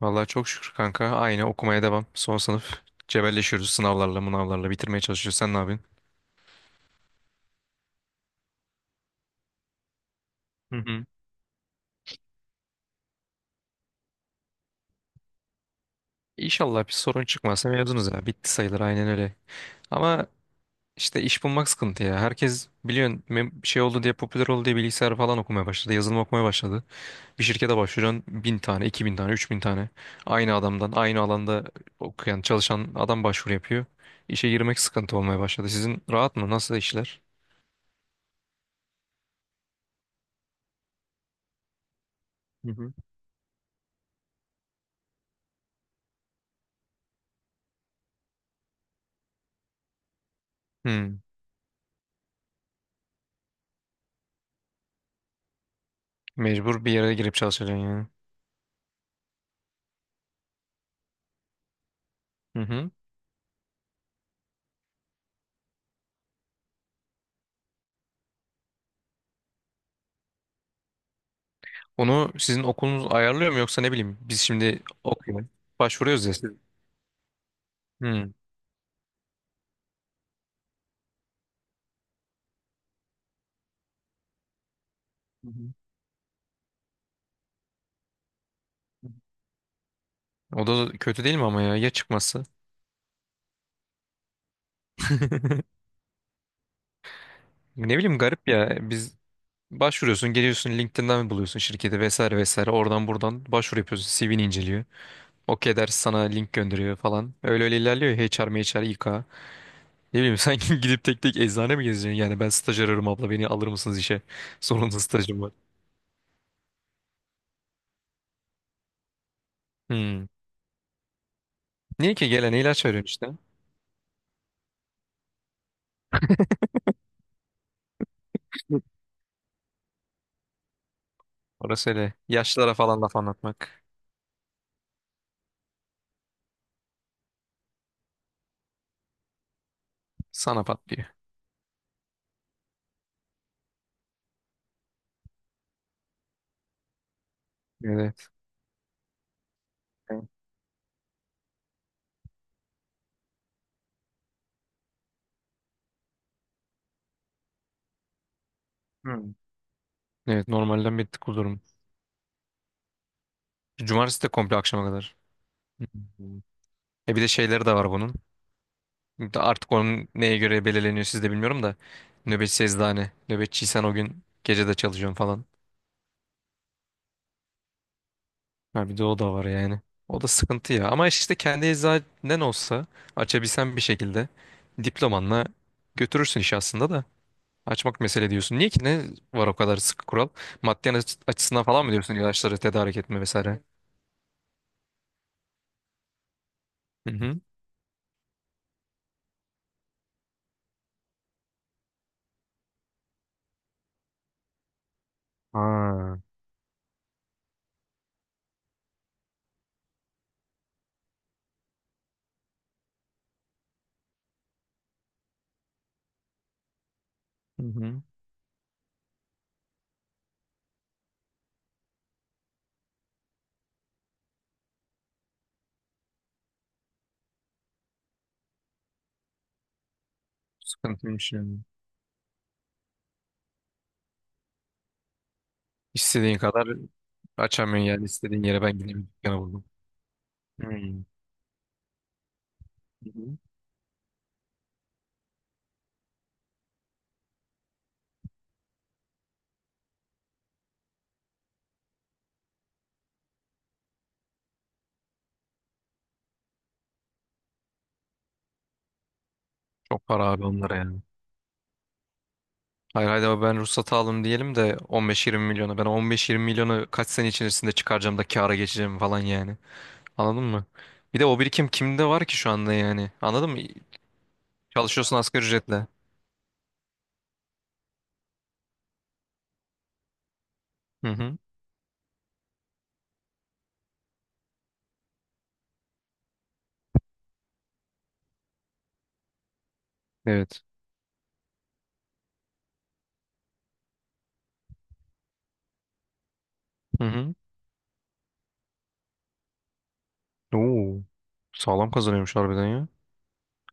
Vallahi çok şükür kanka. Aynı okumaya devam. Son sınıf. Cebelleşiyoruz sınavlarla, mınavlarla bitirmeye çalışıyoruz. Sen ne yapıyorsun? Hı hı. İnşallah bir sorun çıkmazsa mezunuz ya. Bitti sayılır aynen öyle. Ama işte iş bulmak sıkıntı ya. Herkes biliyorsun şey oldu diye popüler oldu diye bilgisayar falan okumaya başladı. Yazılım okumaya başladı. Bir şirkete başvuruyorsun 1.000 tane, 2.000 tane, 3.000 tane. Aynı adamdan, aynı alanda okuyan, çalışan adam başvuru yapıyor. İşe girmek sıkıntı olmaya başladı. Sizin rahat mı? Nasıl işler? Hı hı. Hmm. Mecbur bir yere girip çalışacaksın. Hı hı. Onu sizin okulunuz ayarlıyor mu yoksa ne bileyim biz şimdi okuyalım. Başvuruyoruz ya siz. Hı. Hı hı. O da kötü değil mi ama ya çıkması? Ne bileyim garip ya. Biz başvuruyorsun, geliyorsun LinkedIn'den buluyorsun şirketi vesaire vesaire. Oradan buradan başvuru yapıyorsun. CV'ni inceliyor. Okey der sana link gönderiyor falan. Öyle öyle ilerliyor ya. HR, MHR, İK. Ne bileyim sanki gidip tek tek eczane mi gezeceksin? Yani ben staj arıyorum abla beni alır mısınız işe? Zorunlu stajım var. Hmm. Niye ki gelen ilaç veriyorsun işte? Orası öyle. Yaşlılara falan laf anlatmak sana patlıyor. Evet. Hı. Evet normalden bir tık uzun. Cumartesi de komple akşama kadar. Hı. E bir de şeyleri de var bunun. De artık onun neye göre belirleniyor siz de bilmiyorum da. Nöbetçi eczane. Nöbetçiysen o gün gece de çalışıyorum falan. Ha bir de o da var yani. O da sıkıntı ya. Ama işte kendi eczanen olsa açabilsen bir şekilde diplomanla götürürsün işi aslında da. Açmak mesele diyorsun. Niye ki? Ne var o kadar sıkı kural? Maddi açısından falan mı diyorsun ilaçları tedarik etme vesaire? Hı hı. Ha. Hı hı. Sıkıntıymış yani. İstediğin kadar açamıyorsun yani. İstediğin yere ben gideyim bir dükkanı buldum. Hmm. Hı hı. Çok para abi onlara yani. Hayır haydi abi ben ruhsatı aldım diyelim de 15-20 milyonu. Ben o 15-20 milyonu kaç sene içerisinde çıkaracağım da kâra geçeceğim falan yani. Anladın mı? Bir de o birikim kimde var ki şu anda yani? Anladın mı? Çalışıyorsun asgari ücretle. Hı hı. Evet. Hı hı. Oo, sağlam kazanıyormuş harbiden ya.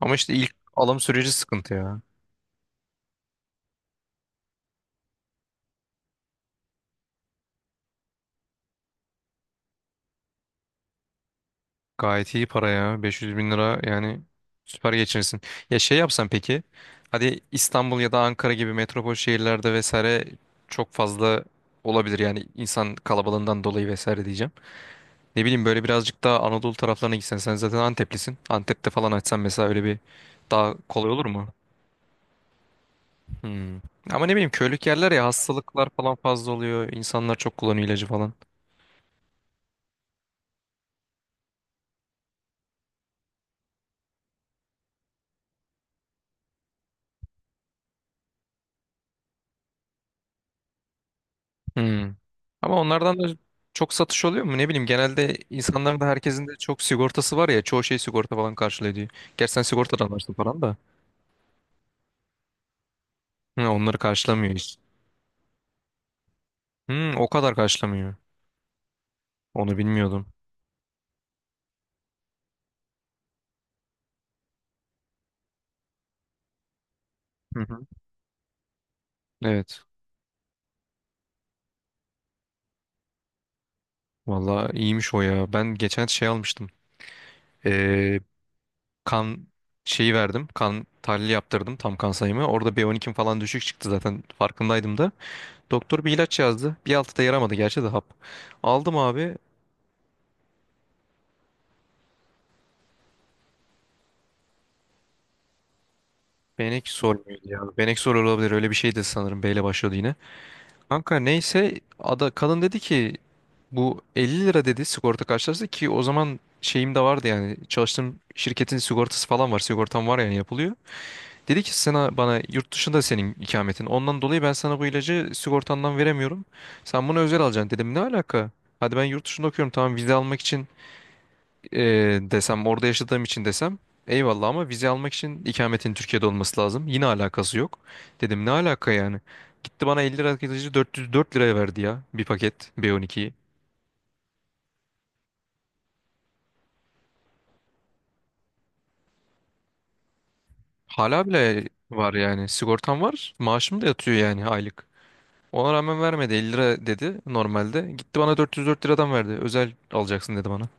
Ama işte ilk alım süreci sıkıntı ya. Gayet iyi para ya. 500.000 lira yani süper geçinirsin. Ya şey yapsan peki. Hadi İstanbul ya da Ankara gibi metropol şehirlerde vesaire çok fazla olabilir yani insan kalabalığından dolayı vesaire diyeceğim. Ne bileyim böyle birazcık daha Anadolu taraflarına gitsen sen zaten Anteplisin. Antep'te falan açsan mesela öyle bir daha kolay olur mu? Hmm. Ama ne bileyim köylük yerler ya hastalıklar falan fazla oluyor. İnsanlar çok kullanıyor ilacı falan. Hmm. Ama onlardan da çok satış oluyor mu? Ne bileyim genelde insanların da herkesin de çok sigortası var ya çoğu şey sigorta falan karşılıyor diyor. Gerçi sen sigortadan varsın falan da. Hı, onları karşılamıyor hiç. Hı, o kadar karşılamıyor. Onu bilmiyordum. Hı hı. Evet. Valla iyiymiş o ya. Ben geçen şey almıştım. Ee, kan şeyi verdim. Kan tahlili yaptırdım tam kan sayımı. Orada B12'm falan düşük çıktı zaten farkındaydım da. Doktor bir ilaç yazdı. Bir altı da yaramadı gerçi de hap. Aldım abi. Benekzor muydu ya? Benekzor olabilir. Öyle bir şeydi sanırım. B ile başladı yine. Kanka neyse ada, kadın dedi ki bu 50 lira dedi sigorta karşılaştı ki o zaman şeyim de vardı yani çalıştığım şirketin sigortası falan var. Sigortam var yani yapılıyor. Dedi ki sana bana yurt dışında senin ikametin. Ondan dolayı ben sana bu ilacı sigortandan veremiyorum. Sen bunu özel alacaksın dedim. Ne alaka? Hadi ben yurt dışında okuyorum. Tamam vize almak için e, desem orada yaşadığım için desem eyvallah ama vize almak için ikametin Türkiye'de olması lazım. Yine alakası yok. Dedim ne alaka yani? Gitti bana 50 lira kesici 404 liraya verdi ya bir paket B12'yi. Hala bile var yani sigortam var maaşım da yatıyor yani aylık. Ona rağmen vermedi 50 lira dedi normalde. Gitti bana 404 liradan verdi. Özel alacaksın dedi bana.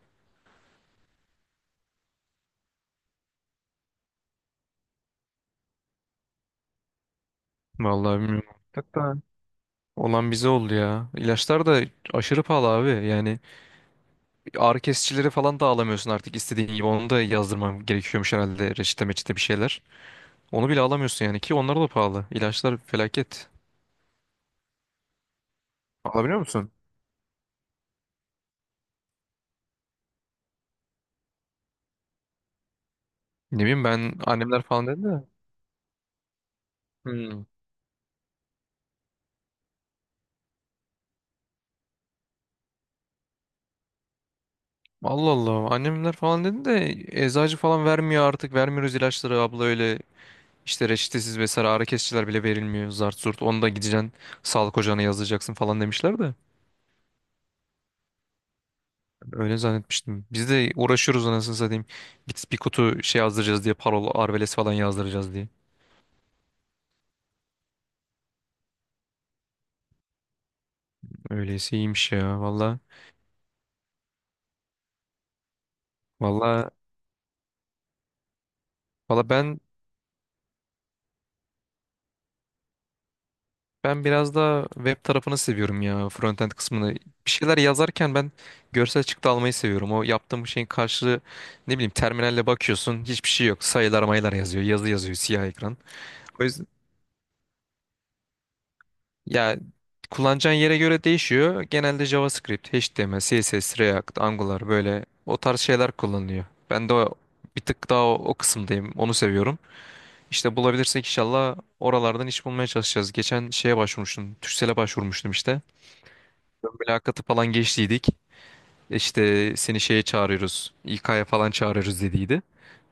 Vallahi bilmiyorum. Hatta olan bize oldu ya. İlaçlar da aşırı pahalı abi yani. Ağrı kesicileri falan da alamıyorsun artık istediğin gibi. Onu da yazdırmam gerekiyormuş herhalde reçete meçete bir şeyler. Onu bile alamıyorsun yani ki onlar da pahalı. İlaçlar felaket. Alabiliyor musun? Ne bileyim ben annemler falan dedi de. Hmm. Allah Allah annemler falan dedi de eczacı falan vermiyor artık vermiyoruz ilaçları abla öyle işte reçetesiz vesaire ağrı kesiciler bile verilmiyor zart zurt onu da gideceksin sağlık ocağına yazdıracaksın falan demişler de öyle zannetmiştim biz de uğraşıyoruz anasını satayım git bir kutu şey yazdıracağız diye parol arveles falan yazdıracağız diye. Öyleyse iyiymiş ya. Valla valla ben biraz daha web tarafını seviyorum ya. Frontend kısmını. Bir şeyler yazarken ben görsel çıktı almayı seviyorum. O yaptığım şeyin karşılığı ne bileyim terminalle bakıyorsun hiçbir şey yok. Sayılar mayılar yazıyor. Yazı yazıyor siyah ekran. O yüzden ya kullanacağın yere göre değişiyor. Genelde JavaScript, HTML, CSS, React, Angular böyle o tarz şeyler kullanılıyor. Ben de bir tık daha o kısımdayım. Onu seviyorum. İşte bulabilirsek inşallah oralardan iş bulmaya çalışacağız. Geçen şeye başvurmuştum. Türksel'e başvurmuştum işte. Ön mülakatı falan geçtiydik. İşte seni şeye çağırıyoruz. İK'ya falan çağırıyoruz dediydi.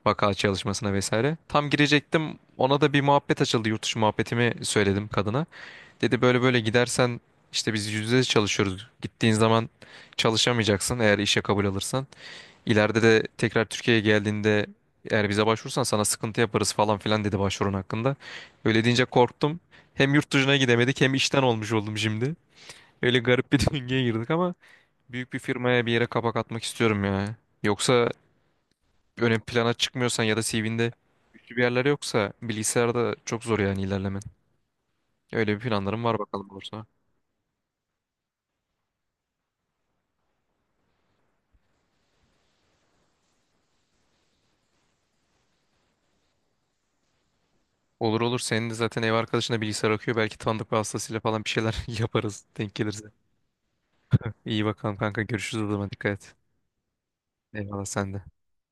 Vaka çalışmasına vesaire. Tam girecektim. Ona da bir muhabbet açıldı. Yurt dışı muhabbetimi söyledim kadına. Dedi böyle böyle gidersen işte biz %100 çalışıyoruz. Gittiğin zaman çalışamayacaksın eğer işe kabul alırsan. İleride de tekrar Türkiye'ye geldiğinde eğer bize başvurursan sana sıkıntı yaparız falan filan dedi başvurun hakkında. Öyle deyince korktum. Hem yurt dışına gidemedik hem işten olmuş oldum şimdi. Öyle garip bir döngüye girdik ama büyük bir firmaya bir yere kapak atmak istiyorum ya. Yoksa ön plana çıkmıyorsan ya da CV'nde güçlü bir yerler yoksa bilgisayarda çok zor yani ilerlemen. Öyle bir planlarım var bakalım olursa. Olur olur senin de zaten ev arkadaşına bilgisayar okuyor. Belki tanıdık vasıtasıyla falan bir şeyler yaparız denk gelirse. İyi bakalım kanka görüşürüz o zaman dikkat et. Eyvallah sen de.